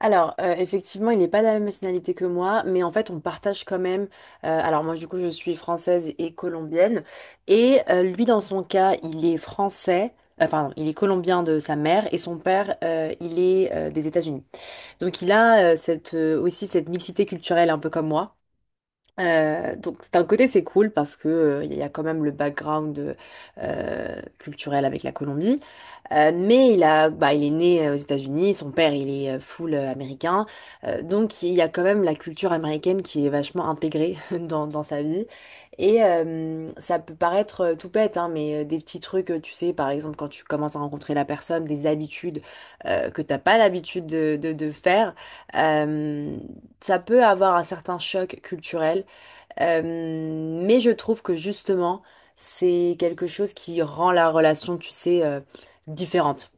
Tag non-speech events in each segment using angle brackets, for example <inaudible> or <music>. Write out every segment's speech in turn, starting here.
Alors, effectivement, il n'est pas de la même nationalité que moi, mais en fait, on partage quand même. Alors, moi, du coup, je suis française et colombienne. Et lui, dans son cas, il est français, enfin, il est colombien de sa mère, et son père, il est des États-Unis. Donc, il a aussi cette mixité culturelle, un peu comme moi. Donc d'un côté c'est cool parce que il y a quand même le background culturel avec la Colombie. Mais il a, bah, il est né aux États-Unis, son père il est full américain. Donc il y a quand même la culture américaine qui est vachement intégrée <laughs> dans sa vie. Et ça peut paraître tout bête, hein, mais des petits trucs, tu sais, par exemple quand tu commences à rencontrer la personne, des habitudes que t'as pas l'habitude de faire, euh, ça peut avoir un certain choc culturel. Mais je trouve que justement, c'est quelque chose qui rend la relation, tu sais, différente.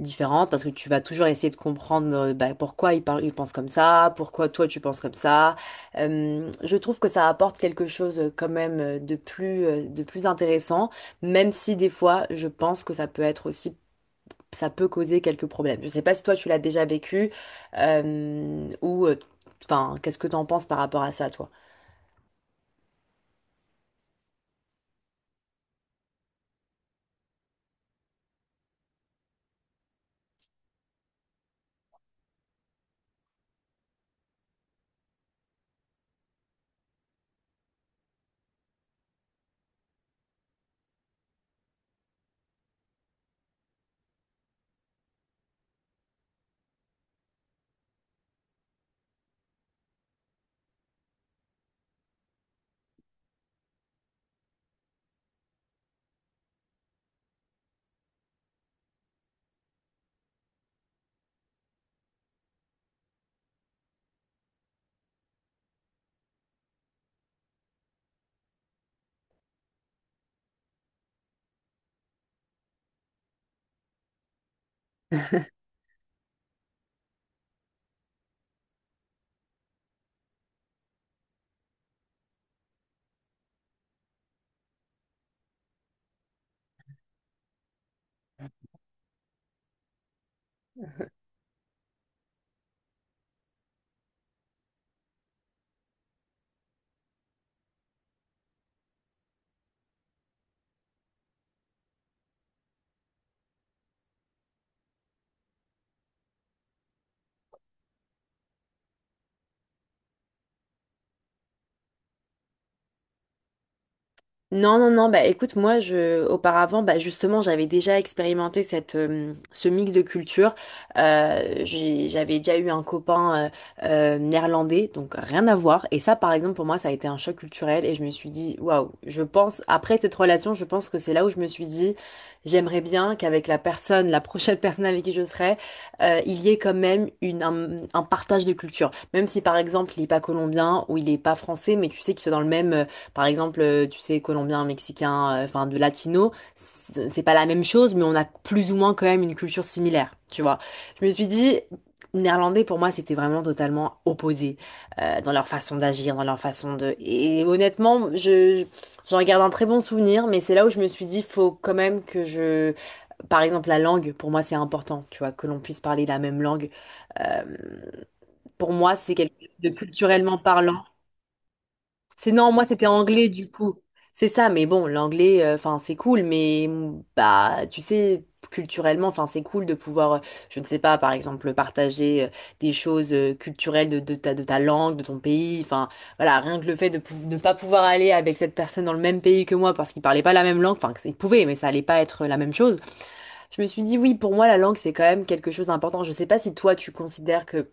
Différente parce que tu vas toujours essayer de comprendre bah, pourquoi il parle, il pense comme ça, pourquoi toi tu penses comme ça. Je trouve que ça apporte quelque chose quand même de plus intéressant, même si des fois je pense que ça peut être aussi, ça peut causer quelques problèmes. Je sais pas si toi tu l'as déjà vécu ou enfin, qu'est-ce que t'en penses par rapport à ça, toi? <laughs> Non, non, non, bah écoute, moi, auparavant, bah justement, j'avais déjà expérimenté ce mix de cultures. J'avais déjà eu un copain néerlandais, donc rien à voir. Et ça, par exemple, pour moi, ça a été un choc culturel et je me suis dit, waouh, je pense, après cette relation, je pense que c'est là où je me suis dit, j'aimerais bien qu'avec la personne, la prochaine <laughs> personne avec qui je serai, il y ait quand même un partage de culture. Même si, par exemple, il n'est pas colombien ou il n'est pas français, mais tu sais qu'ils sont dans le même. Par exemple, tu sais, colombien, mexicain, enfin de latino, c'est pas la même chose, mais on a plus ou moins quand même une culture similaire, tu vois. Je me suis dit, néerlandais pour moi, c'était vraiment totalement opposé dans leur façon d'agir, dans leur façon de. Et honnêtement, je j'en garde un très bon souvenir, mais c'est là où je me suis dit, faut quand même que je. Par exemple, la langue, pour moi, c'est important, tu vois, que l'on puisse parler la même langue. Euh, pour moi, c'est quelque chose de culturellement parlant. C'est non, moi c'était anglais du coup. C'est ça, mais bon, l'anglais, enfin c'est cool, mais mm, bah tu sais, culturellement, enfin c'est cool de pouvoir, je ne sais pas, par exemple, partager des choses culturelles de ta langue, de ton pays. Enfin voilà, rien que le fait de ne pas pouvoir aller avec cette personne dans le même pays que moi parce qu'il parlait pas la même langue, enfin il pouvait, mais ça allait pas être la même chose. Je me suis dit oui, pour moi la langue c'est quand même quelque chose d'important. Je sais pas si toi tu considères que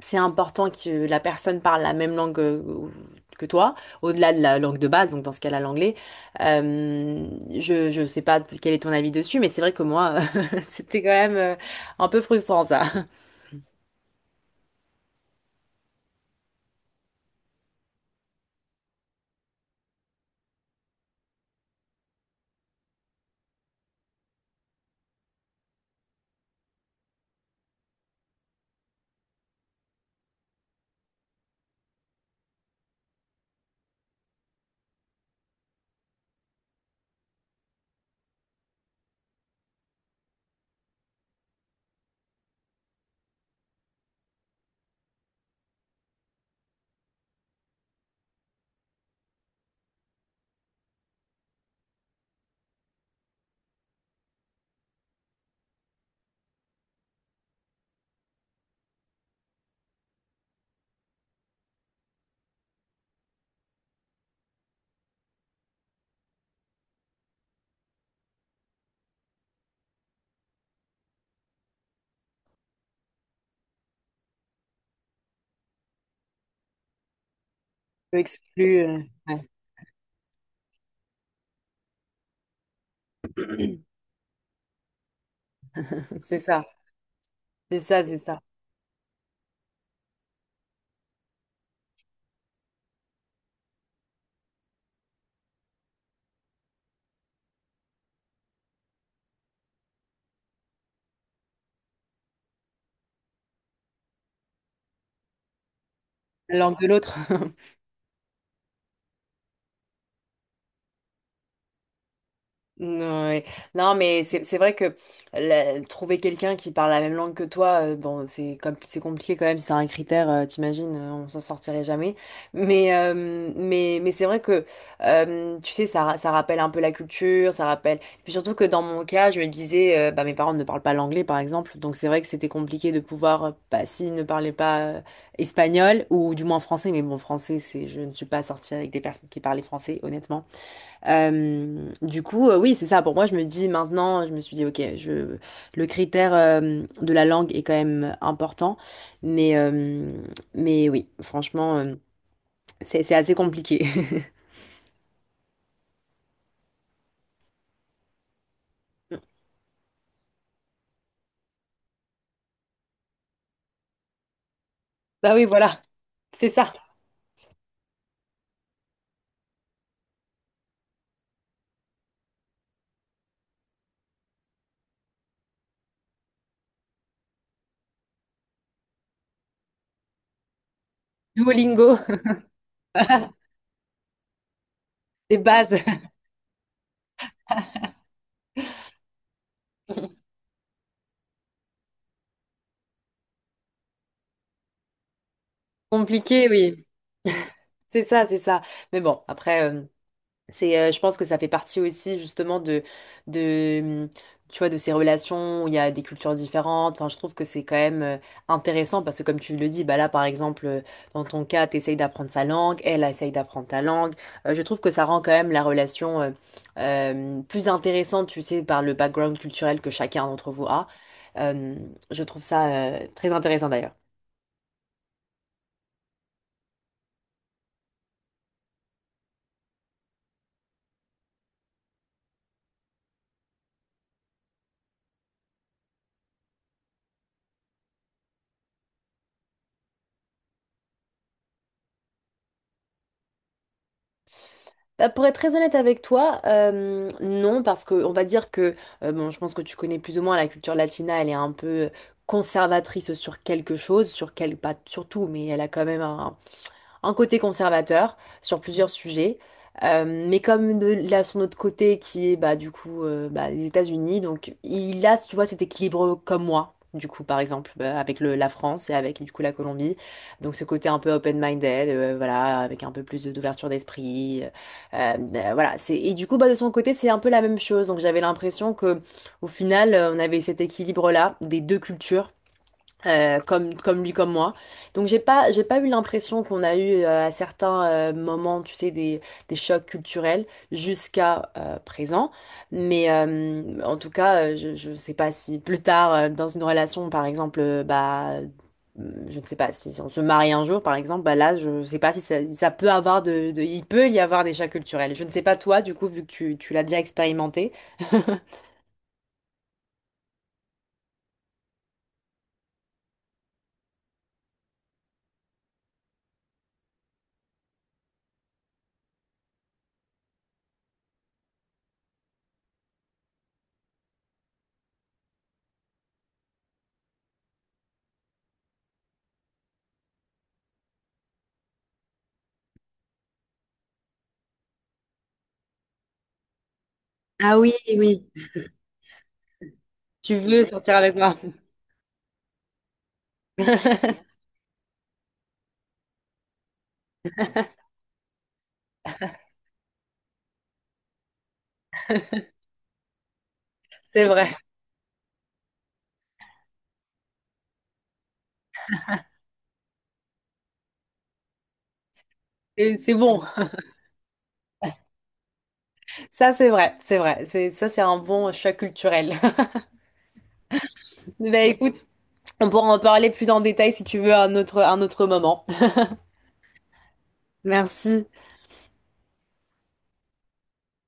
c'est important que la personne parle la même langue que toi, au-delà de la langue de base, donc dans ce cas-là l'anglais. Euh, je sais pas quel est ton avis dessus, mais c'est vrai que moi, <laughs> c'était quand même un peu frustrant ça. Je m'exclus, ouais. <clears throat> C'est ça, c'est ça, c'est ça. La langue de l'autre. <laughs> Ouais. Non, mais c'est vrai que trouver quelqu'un qui parle la même langue que toi, bon, c'est compliqué quand même, c'est un critère, t'imagines, on s'en sortirait jamais. Mais c'est vrai que tu sais, ça rappelle un peu la culture, ça rappelle. Et puis surtout que dans mon cas, je me disais, bah mes parents ne parlent pas l'anglais par exemple, donc c'est vrai que c'était compliqué de pouvoir, bah s'ils ne parlaient pas espagnol ou du moins français, mais bon, français, c'est, je ne suis pas sortie avec des personnes qui parlaient français, honnêtement. Du coup, oui, c'est ça. Pour moi, je me dis maintenant, je me suis dit, ok, le critère de la langue est quand même important, mais, euh, mais oui, franchement, c'est assez compliqué. <laughs> Bah oui, voilà, c'est ça. Duolingo, <laughs> les bases, compliqué, oui. C'est ça, c'est ça. Mais bon, après. C'est, je pense que ça fait partie aussi justement de tu vois, de ces relations où il y a des cultures différentes. Enfin, je trouve que c'est quand même intéressant parce que comme tu le dis, bah là par exemple, dans ton cas, tu essayes d'apprendre sa langue, elle essaye d'apprendre ta langue. Je trouve que ça rend quand même la relation plus intéressante, tu sais, par le background culturel que chacun d'entre vous a. Euh, je trouve ça très intéressant d'ailleurs. Bah, pour être très honnête avec toi, non, parce que on va dire que, bon, je pense que tu connais plus ou moins la culture latina, elle est un peu conservatrice sur quelque chose, sur quel, pas sur tout, mais elle a quand même un côté conservateur sur plusieurs sujets. Mais comme de, là, son autre côté qui est bah, du coup bah, les États-Unis, donc il a, tu vois, cet équilibre comme moi, du coup, par exemple, avec la France et avec du coup la Colombie. Donc ce côté un peu open-minded, voilà, avec un peu d'ouverture d'esprit. Voilà, c'est, et du coup, bah, de son côté, c'est un peu la même chose. Donc j'avais l'impression que au final, on avait cet équilibre-là des deux cultures comme, comme lui, comme moi. Donc j'ai pas eu l'impression qu'on a eu à certains moments, tu sais, des chocs culturels jusqu'à présent. Mais en tout cas, je sais pas si plus tard, dans une relation, par exemple, je ne sais pas si on se marie un jour, par exemple, bah là, je ne sais pas si ça, si ça peut avoir il peut y avoir des chocs culturels. Je ne sais pas toi, du coup, vu que tu l'as déjà expérimenté. <laughs> Ah oui, oui. Tu veux sortir avec moi. <laughs> C'est vrai. Et c'est bon. Ça, c'est vrai. C'est vrai. C'est, ça, c'est un bon choc culturel. <laughs> Bah écoute, on pourra en parler plus en détail si tu veux à un autre moment. Merci.